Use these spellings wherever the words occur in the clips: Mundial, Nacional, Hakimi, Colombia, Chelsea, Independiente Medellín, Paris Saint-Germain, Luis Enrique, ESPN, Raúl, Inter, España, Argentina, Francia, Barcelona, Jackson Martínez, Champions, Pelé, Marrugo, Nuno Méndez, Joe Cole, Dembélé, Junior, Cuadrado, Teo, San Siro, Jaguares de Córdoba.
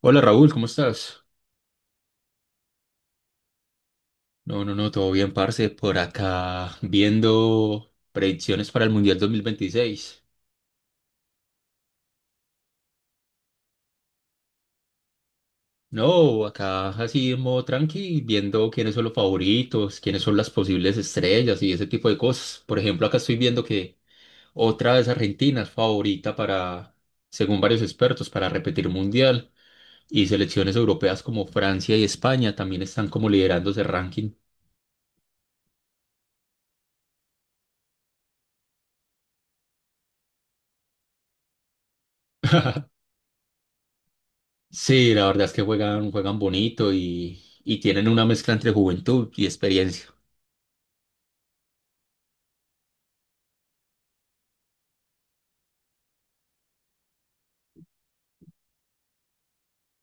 Hola Raúl, ¿cómo estás? No, todo bien, parce, por acá viendo predicciones para el Mundial 2026. No, acá así en modo tranqui, viendo quiénes son los favoritos, quiénes son las posibles estrellas y ese tipo de cosas. Por ejemplo, acá estoy viendo que otra vez Argentina es favorita para, según varios expertos, para repetir Mundial. Y selecciones europeas como Francia y España también están como liderando ese ranking. Sí, la verdad es que juegan bonito y tienen una mezcla entre juventud y experiencia.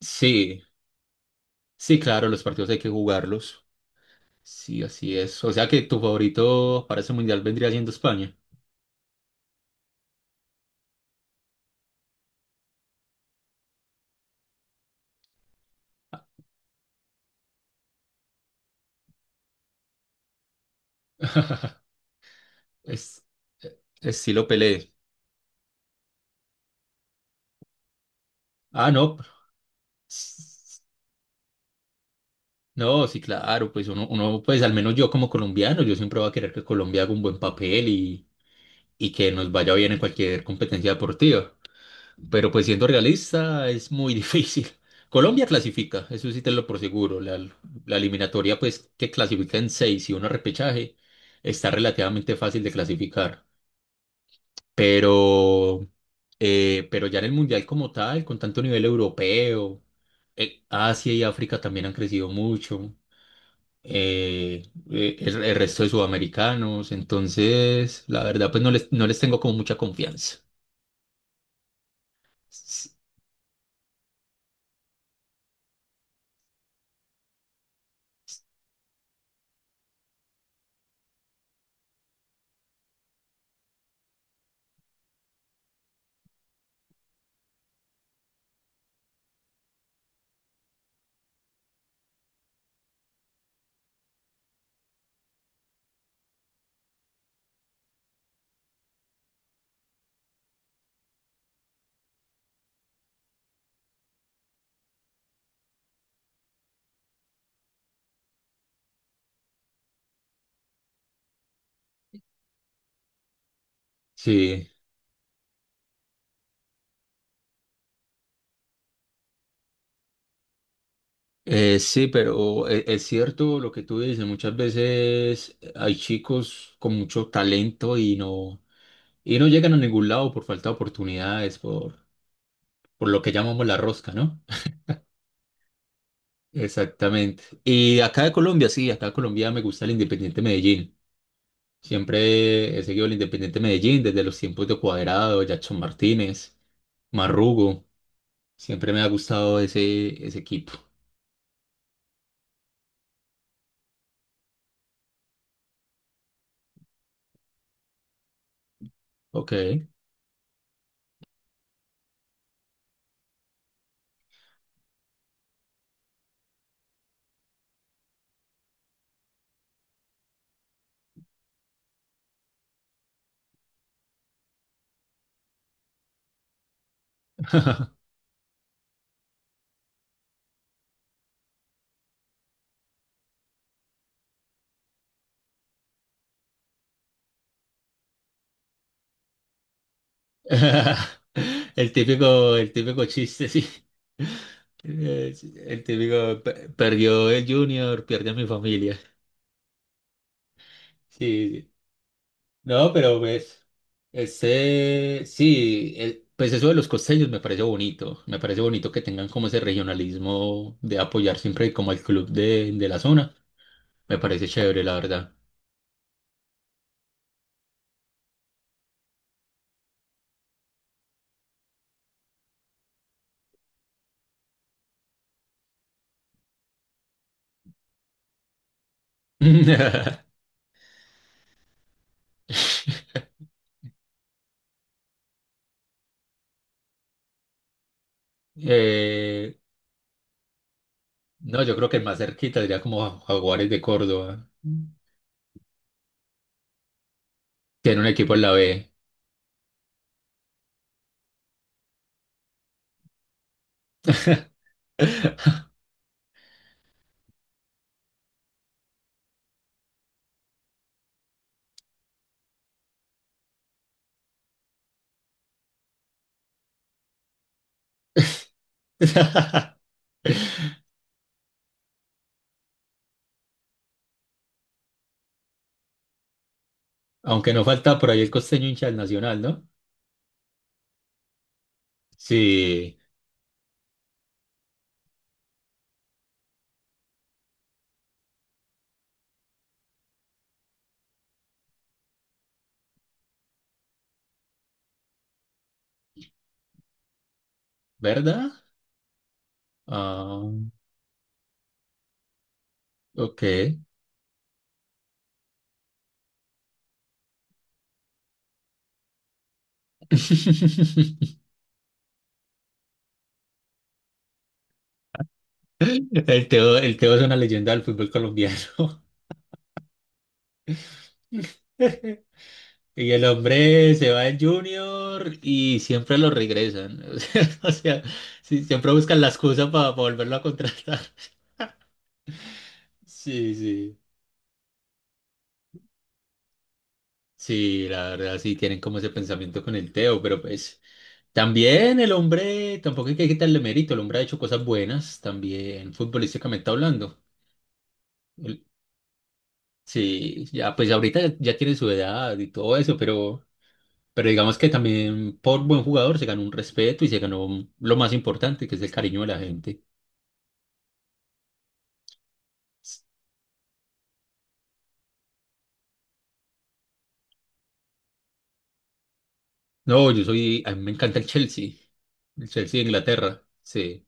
Sí, sí, claro, los partidos hay que jugarlos. Sí, así es. O sea que tu favorito para ese mundial vendría siendo España. Es, Estilo Pelé. Ah, no. s- No, sí, claro, pues pues al menos yo como colombiano, yo siempre voy a querer que Colombia haga un buen papel y que nos vaya bien en cualquier competencia deportiva. Pero pues siendo realista es muy difícil. Colombia clasifica, eso sí te lo por seguro. La eliminatoria pues que clasifica en seis y un repechaje está relativamente fácil de clasificar. Pero, pero ya en el Mundial como tal, con tanto nivel europeo, Asia y África también han crecido mucho. eh, el resto de sudamericanos, entonces la verdad pues no les tengo como mucha confianza. S- Sí. Sí, pero es cierto lo que tú dices, muchas veces hay chicos con mucho talento y no llegan a ningún lado por falta de oportunidades, por lo que llamamos la rosca, ¿no? Exactamente. Y acá de Colombia, sí, acá de Colombia me gusta el Independiente Medellín. Siempre he seguido el Independiente Medellín desde los tiempos de Cuadrado, Jackson Martínez, Marrugo. Siempre me ha gustado ese equipo. Ok. El típico chiste, sí. Sí, el típico: Perdió el Junior, pierde a mi familia". Sí, sí. No, pero pues, ese, sí, pues eso de los costeños me parece bonito. Me parece bonito que tengan como ese regionalismo de apoyar siempre como el club de la zona. Me parece chévere, la verdad. Eh, no, yo creo que el más cerquita sería como Jaguares de Córdoba. Tiene un equipo en la B. Aunque no falta por ahí el costeño hincha del Nacional, ¿no? Sí, ¿verdad? Ah, ok. El Teo es una leyenda del fútbol colombiano. Y el hombre se va en Junior y siempre lo regresan. O sea, sí, siempre buscan la excusa para volverlo a contratar. Sí, sí. Sí, la verdad, sí tienen como ese pensamiento con el Teo, pero pues. También el hombre, tampoco hay que quitarle mérito, el hombre ha hecho cosas buenas también, futbolísticamente hablando. El- sí, ya pues ahorita ya, ya tiene su edad y todo eso, pero digamos que también por buen jugador se ganó un respeto y se ganó lo más importante, que es el cariño de la gente. No, yo soy, a mí me encanta el Chelsea de Inglaterra, sí,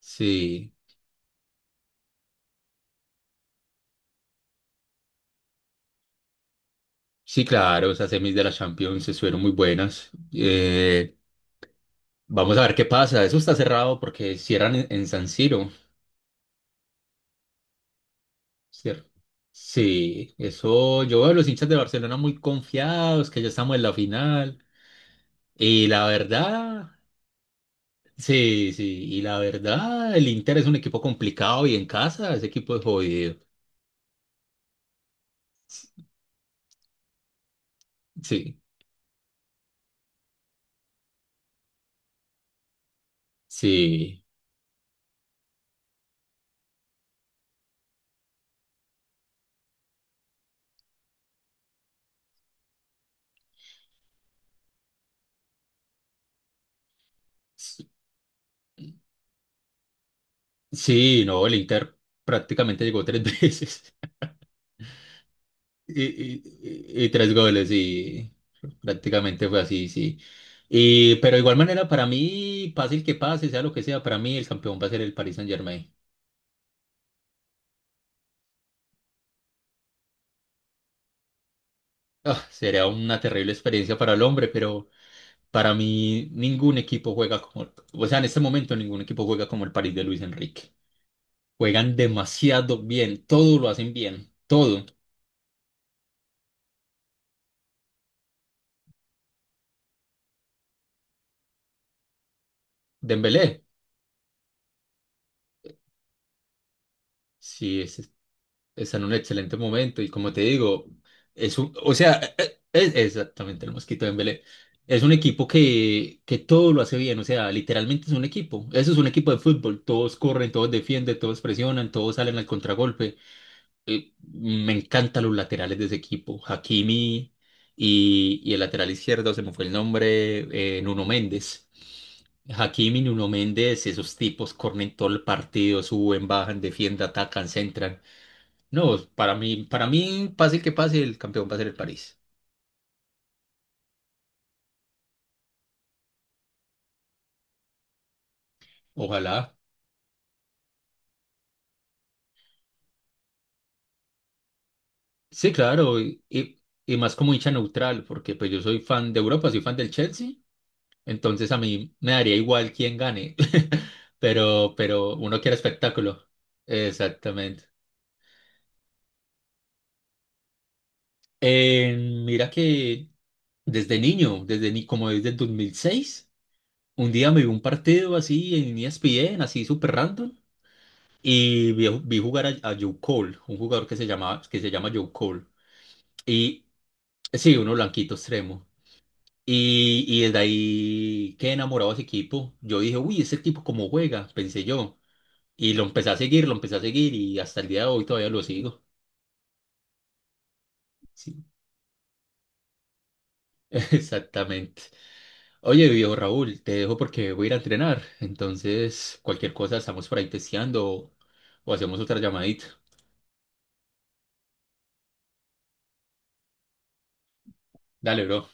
sí, sí, claro, esas semis de la Champions estuvieron muy buenas. Vamos a ver qué pasa, eso está cerrado porque cierran en San Siro. Cierto. Sí, eso yo veo a los hinchas de Barcelona muy confiados, que ya estamos en la final. Y la verdad, sí, sí, y la verdad, el Inter es un equipo complicado y en casa ese equipo es jodido. Sí, sí, sí, no, el Inter prácticamente llegó tres veces y tres goles y prácticamente fue así, sí. Y, pero de igual manera, para mí, pase el que pase, sea lo que sea, para mí el campeón va a ser el Paris Saint-Germain. Ah, sería una terrible experiencia para el hombre, pero para mí ningún equipo juega como, o sea, en este momento ningún equipo juega como el París de Luis Enrique. Juegan demasiado bien, todo lo hacen bien, todo. Dembélé, sí, está en un excelente momento y como te digo, es un, o sea, es exactamente el mosquito de Dembélé. Es un equipo que todo lo hace bien, o sea, literalmente es un equipo. Eso es un equipo de fútbol, todos corren, todos defienden, todos presionan, todos salen al contragolpe. Me encantan los laterales de ese equipo. Hakimi y el lateral izquierdo, se me fue el nombre, Nuno Méndez. Hakimi, Nuno Méndez, esos tipos corren todo el partido, suben, bajan, defienden, atacan, centran. No, para mí, pase que pase, el campeón va a ser el París. Ojalá. Sí, claro, y más como hincha neutral, porque pues yo soy fan de Europa, soy fan del Chelsea. Entonces a mí me daría igual quién gane, pero uno quiere espectáculo. Exactamente. Eh, Mira que desde niño, desde ni como desde el 2006, un día me vi un partido así en ESPN, así súper random, y vi jugar a Joe Cole, un jugador que se llama Joe Cole. Y sí, uno blanquito extremo. Y desde ahí quedé enamorado de ese equipo. Yo dije, uy, ese equipo cómo juega, pensé yo. Y lo empecé a seguir, lo empecé a seguir y hasta el día de hoy todavía lo sigo. Sí, exactamente. Oye, viejo Raúl, te dejo porque voy a ir a entrenar. Entonces, cualquier cosa estamos por ahí testeando o hacemos otra llamadita. Dale, bro.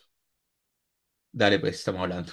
Dale, pues, estamos hablando.